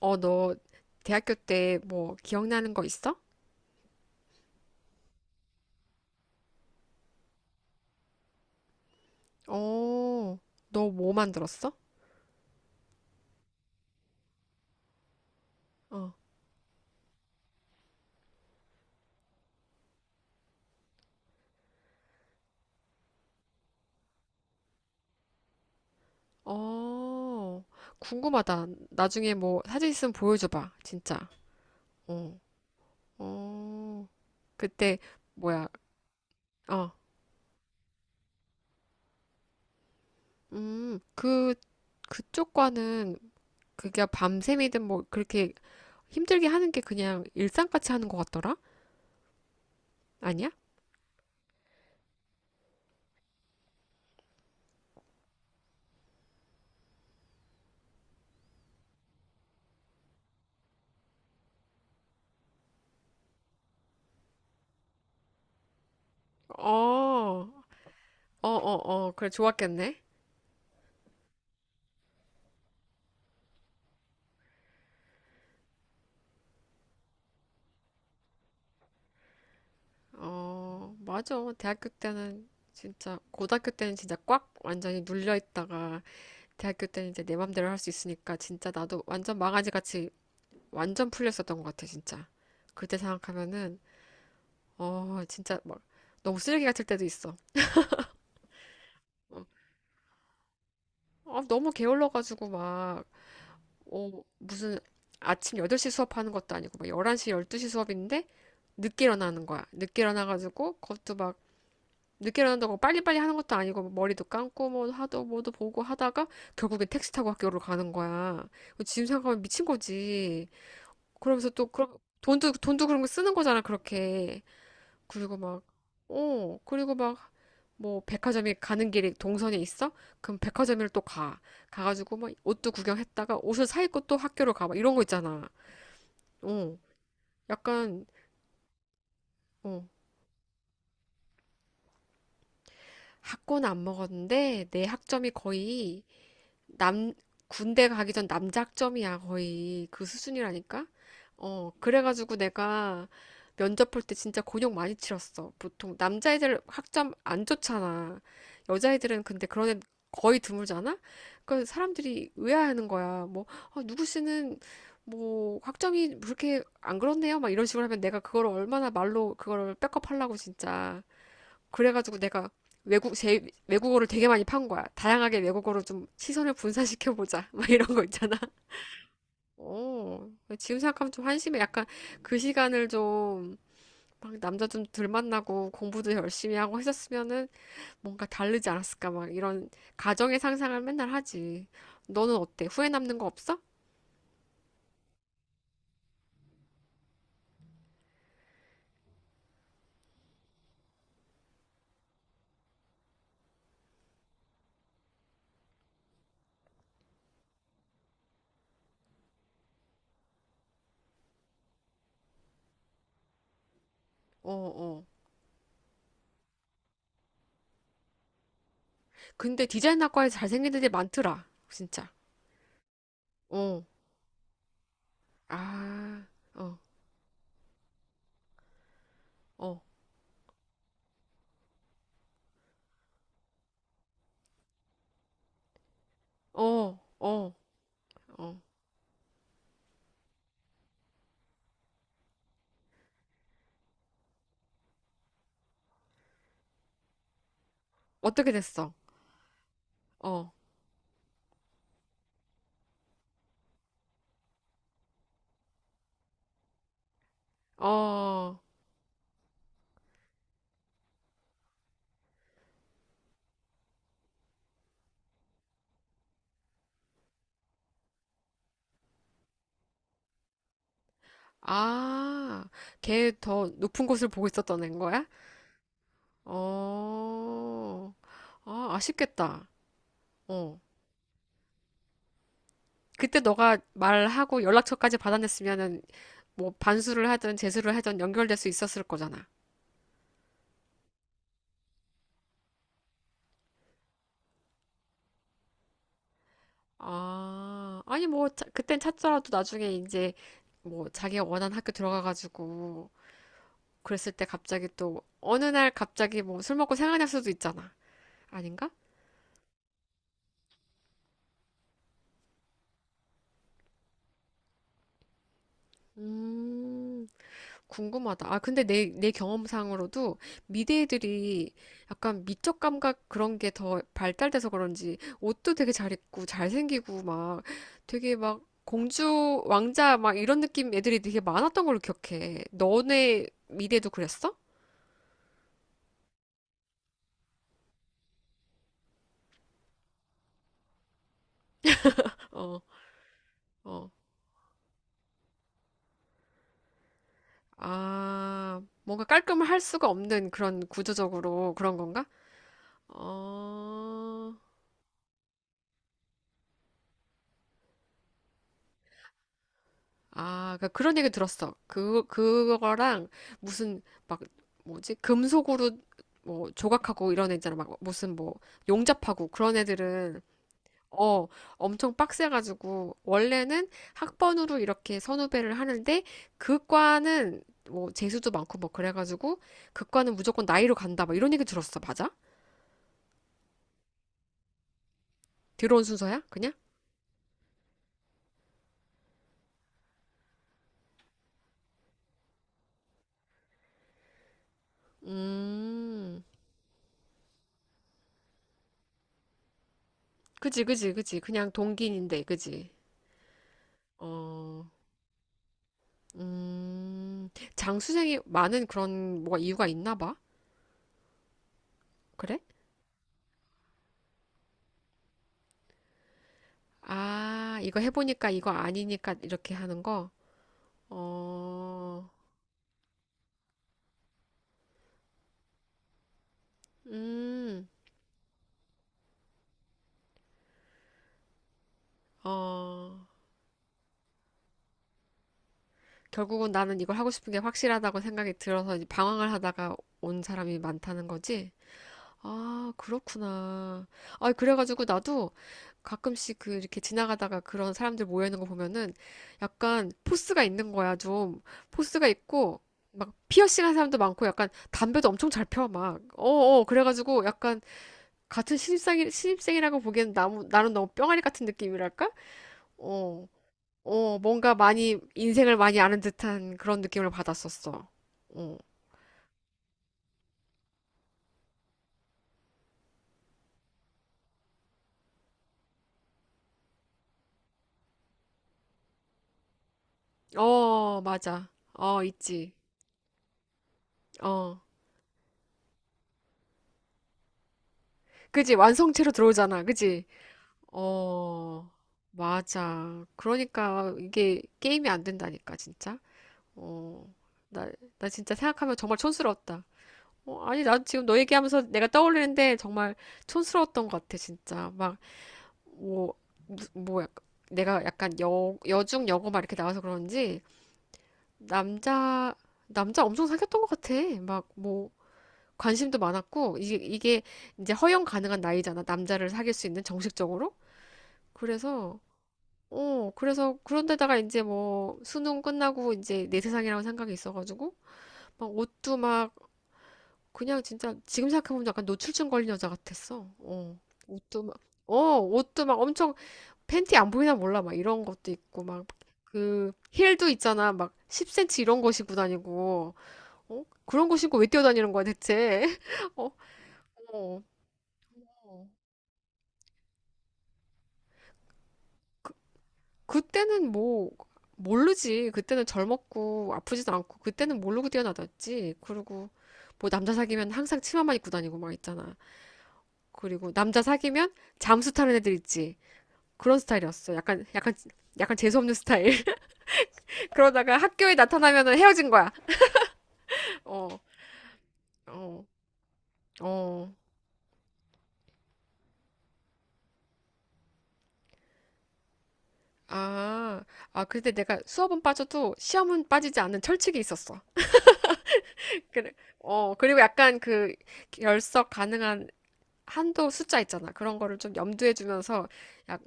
너 대학교 때 뭐 기억나는 거 있어? 어, 너 뭐 만들었어? 어, 어, 궁금하다. 나중에 뭐 사진 있으면 보여줘봐. 진짜. 어, 어, 그때 뭐야? 어, 음, 그 그쪽과는 그게 밤샘이든 뭐 그렇게 힘들게 하는 게 그냥 일상같이 하는 것 같더라? 아니야? 어, 어, 어, 어, 그래 좋았겠네. 어, 맞아. 대학교 때는 진짜, 고등학교 때는 진짜 꽉 완전히 눌려 있다가, 대학교 때는 이제 내 맘대로 할 수 있으니까, 진짜 나도 완전 망아지 같이 완전 풀렸었던 것 같아, 진짜. 그때 생각하면은, 어, 진짜 막, 너무 쓰레기 같을 때도 있어. 어, 아, 너무 게을러가지고 막, 어, 무슨 아침 8시 수업하는 것도 아니고, 막 11시, 12시 수업인데, 늦게 일어나는 거야. 늦게 일어나가지고, 그것도 막, 늦게 일어난다고 빨리빨리 하는 것도 아니고 뭐 머리도 감고 뭐 하도 뭐도 보고 하다가 결국엔 택시 타고 학교를 가는 거야. 지금 생각하면 미친 거지. 그러면서 또 그런 돈도 그런 거 쓰는 거잖아 그렇게. 그리고 막 어, 그리고 막 뭐 백화점에 가는 길이 동선에 있어? 그럼 백화점을 또 가. 가가지고 막 옷도 구경했다가 옷을 사 입고 또 학교로 가. 막 이런 거 있잖아. 어, 약간 어, 학고는 안 먹었는데 내 학점이 거의 남, 군대 가기 전 남작점이야, 거의. 그 수준이라니까? 어, 그래가지고 내가 면접 볼 때 진짜 곤욕 많이 치렀어. 보통 남자애들 학점 안 좋잖아. 여자애들은 근데 그런 애 거의 드물잖아? 그러니까 사람들이 의아해하는 거야. 뭐, 아, 누구 씨는 뭐 학점이 그렇게 안 그렇네요? 막 이런 식으로 하면 내가 그걸 얼마나 말로 그걸 백업하려고 진짜. 그래가지고 내가 외국, 제, 외국어를 되게 많이 판 거야. 다양하게 외국어로 좀 시선을 분산시켜보자. 막 이런 거 있잖아. 어, 지금 생각하면 좀 한심해. 약간 그 시간을 좀, 막 남자 좀 덜 만나고 공부도 열심히 하고 했었으면은 뭔가 다르지 않았을까. 막 이런 가정의 상상을 맨날 하지. 너는 어때? 후회 남는 거 없어? 어, 어. 근데 디자인학과에 잘생긴 애들이 많더라. 진짜. 어. 아, 어, 어, 어, 어, 어. 어떻게 됐어? 어, 어, 아, 걔 더 높은 곳을 보고 있었던 앤 거야? 어, 아, 아쉽겠다. 어. 그때 너가 말하고 연락처까지 받아냈으면은 뭐 반수를 하든 재수를 하든 연결될 수 있었을 거잖아. 아, 아니 뭐 자- 그땐 찾더라도 나중에 이제 뭐 자기가 원하는 학교 들어가가지고 그랬을 때 갑자기 또 어느 날 갑자기 뭐 술 먹고 생각날 수도 있잖아. 아닌가? 음. 궁금하다. 아, 근데 내 경험상으로도 미대애들이 약간 미적 감각 그런 게 더 발달돼서 그런지 옷도 되게 잘 입고 잘생기고 막 되게 막 공주, 왕자 막 이런 느낌 애들이 되게 많았던 걸로 기억해. 너네 미대도 그랬어? 어, 어. 아, 뭔가 깔끔할 수가 없는 그런 구조적으로 그런 건가? 어. 아, 그러니까 그런 얘기 들었어. 그거랑 무슨 막 뭐지? 금속으로 뭐 조각하고 이런 애 있잖아. 막 무슨 뭐 용접하고 그런 애들은 어, 엄청 빡세가지고 원래는 학번으로 이렇게 선후배를 하는데 그 과는 뭐 재수도 많고 뭐 그래가지고 그 과는 무조건 나이로 간다. 막 이런 얘기 들었어. 맞아? 들어온 순서야? 그냥? 음, 그지, 그지, 그지. 그냥 동기인데, 그지? 어. 음, 장수생이 많은 그런 뭐가 이유가 있나 봐. 그래? 아, 이거 해보니까 이거 아니니까 이렇게 하는 거? 어, 음, 어, 결국은 나는 이걸 하고 싶은 게 확실하다고 생각이 들어서 이제 방황을 하다가 온 사람이 많다는 거지? 아, 그렇구나. 아, 그래가지고 나도 가끔씩 그 이렇게 지나가다가 그런 사람들 모여있는 거 보면은 약간 포스가 있는 거야, 좀. 포스가 있고, 막 피어싱 한 사람도 많고 약간 담배도 엄청 잘 펴, 막. 어어, 그래가지고 약간 신입생이라고 보기엔 나무, 나는 너무 뿅아리 같은 느낌이랄까? 어, 어, 뭔가 많이, 인생을 많이 아는 듯한 그런 느낌을 받았었어. 어, 어, 맞아. 어, 있지. 어. 그지? 완성체로 들어오잖아. 그지? 어, 맞아. 그러니까 이게 게임이 안 된다니까, 진짜. 어, 나, 나 진짜 생각하면 정말 촌스러웠다. 어, 아니, 나 지금 너 얘기하면서 내가 떠올리는데 정말 촌스러웠던 것 같아, 진짜. 막, 뭐, 뭐, 약간, 내가 약간 여중 여고 막 이렇게 나와서 그런지, 남자, 남자 엄청 사귀었던 것 같아. 막, 뭐, 관심도 많았고, 이게 이제 허용 가능한 나이잖아. 남자를 사귈 수 있는 정식적으로. 그래서, 어, 그래서 그런데다가 이제 뭐 수능 끝나고 이제 내 세상이라는 생각이 있어가지고 막 옷도 막 그냥 진짜 지금 생각해보면 약간 노출증 걸린 여자 같았어. 어, 옷도 막, 옷도 막 엄청 팬티 안 보이나 몰라. 막 이런 것도 있고 막 그 힐도 있잖아. 막 10cm 이런 거 신고 다니고. 어? 그런 거 신고 왜 뛰어다니는 거야 대체? 어, 어. 그때는 뭐 모르지. 그때는 젊었고 아프지도 않고 그때는 모르고 뛰어나댔지. 그리고 뭐 남자 사귀면 항상 치마만 입고 다니고 막 있잖아. 그리고 남자 사귀면 잠수 타는 애들 있지. 그런 스타일이었어. 약간 약간 재수 없는 스타일. 그러다가 학교에 나타나면은 헤어진 거야. 어. 어. 어. 아. 아, 근데 내가 수업은 빠져도 시험은 빠지지 않는 철칙이 있었어. 그래. 어, 그리고 약간 그 결석 가능한 한도 숫자 있잖아. 그런 거를 좀 염두에 두면서 약,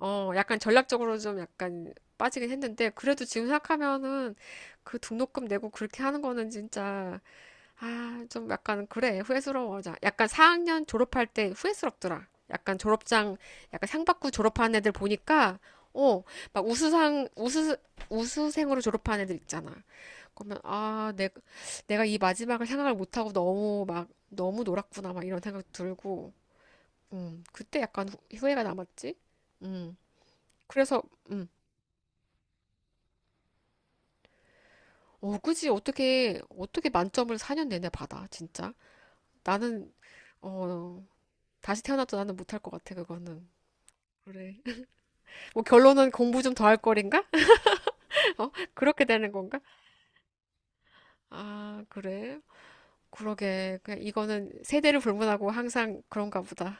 어, 약간 전략적으로 좀 약간 빠지긴 했는데 그래도 지금 생각하면은 그 등록금 내고 그렇게 하는 거는 진짜 아, 좀 약간 그래. 후회스러워. 자, 약간 4학년 졸업할 때 후회스럽더라. 약간 졸업장 약간 상 받고 졸업한 애들 보니까 어, 막 우수상 우수생으로 졸업한 애들 있잖아. 그러면 아, 내가 이 마지막을 생각을 못하고 너무 막 너무 놀았구나 막 이런 생각 들고 그때 약간 후회가 남았지? 음. 그래서 음, 어, 굳이 어떻게 어떻게 만점을 4년 내내 받아, 진짜? 나는 어, 다시 태어나도 나는 못할 것 같아, 그거는. 그래. 뭐 결론은 공부 좀 더 할 거린가? 어? 그렇게 되는 건가? 아, 그래. 그러게. 그냥 이거는 세대를 불문하고 항상 그런가 보다.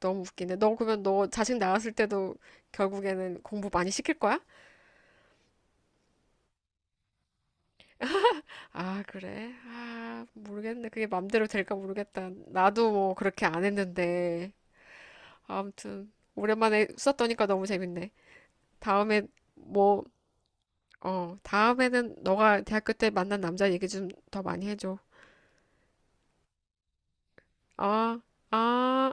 너무 웃기네. 너 그러면 너 자식 낳았을 때도 결국에는 공부 많이 시킬 거야? 아, 그래? 아, 모르겠네. 그게 맘대로 될까 모르겠다. 나도 뭐 그렇게 안 했는데. 아무튼, 오랜만에 수다 떠니까 너무 재밌네. 다음에, 뭐, 어, 다음에는 너가 대학교 때 만난 남자 얘기 좀 더 많이 해줘. 아, 아.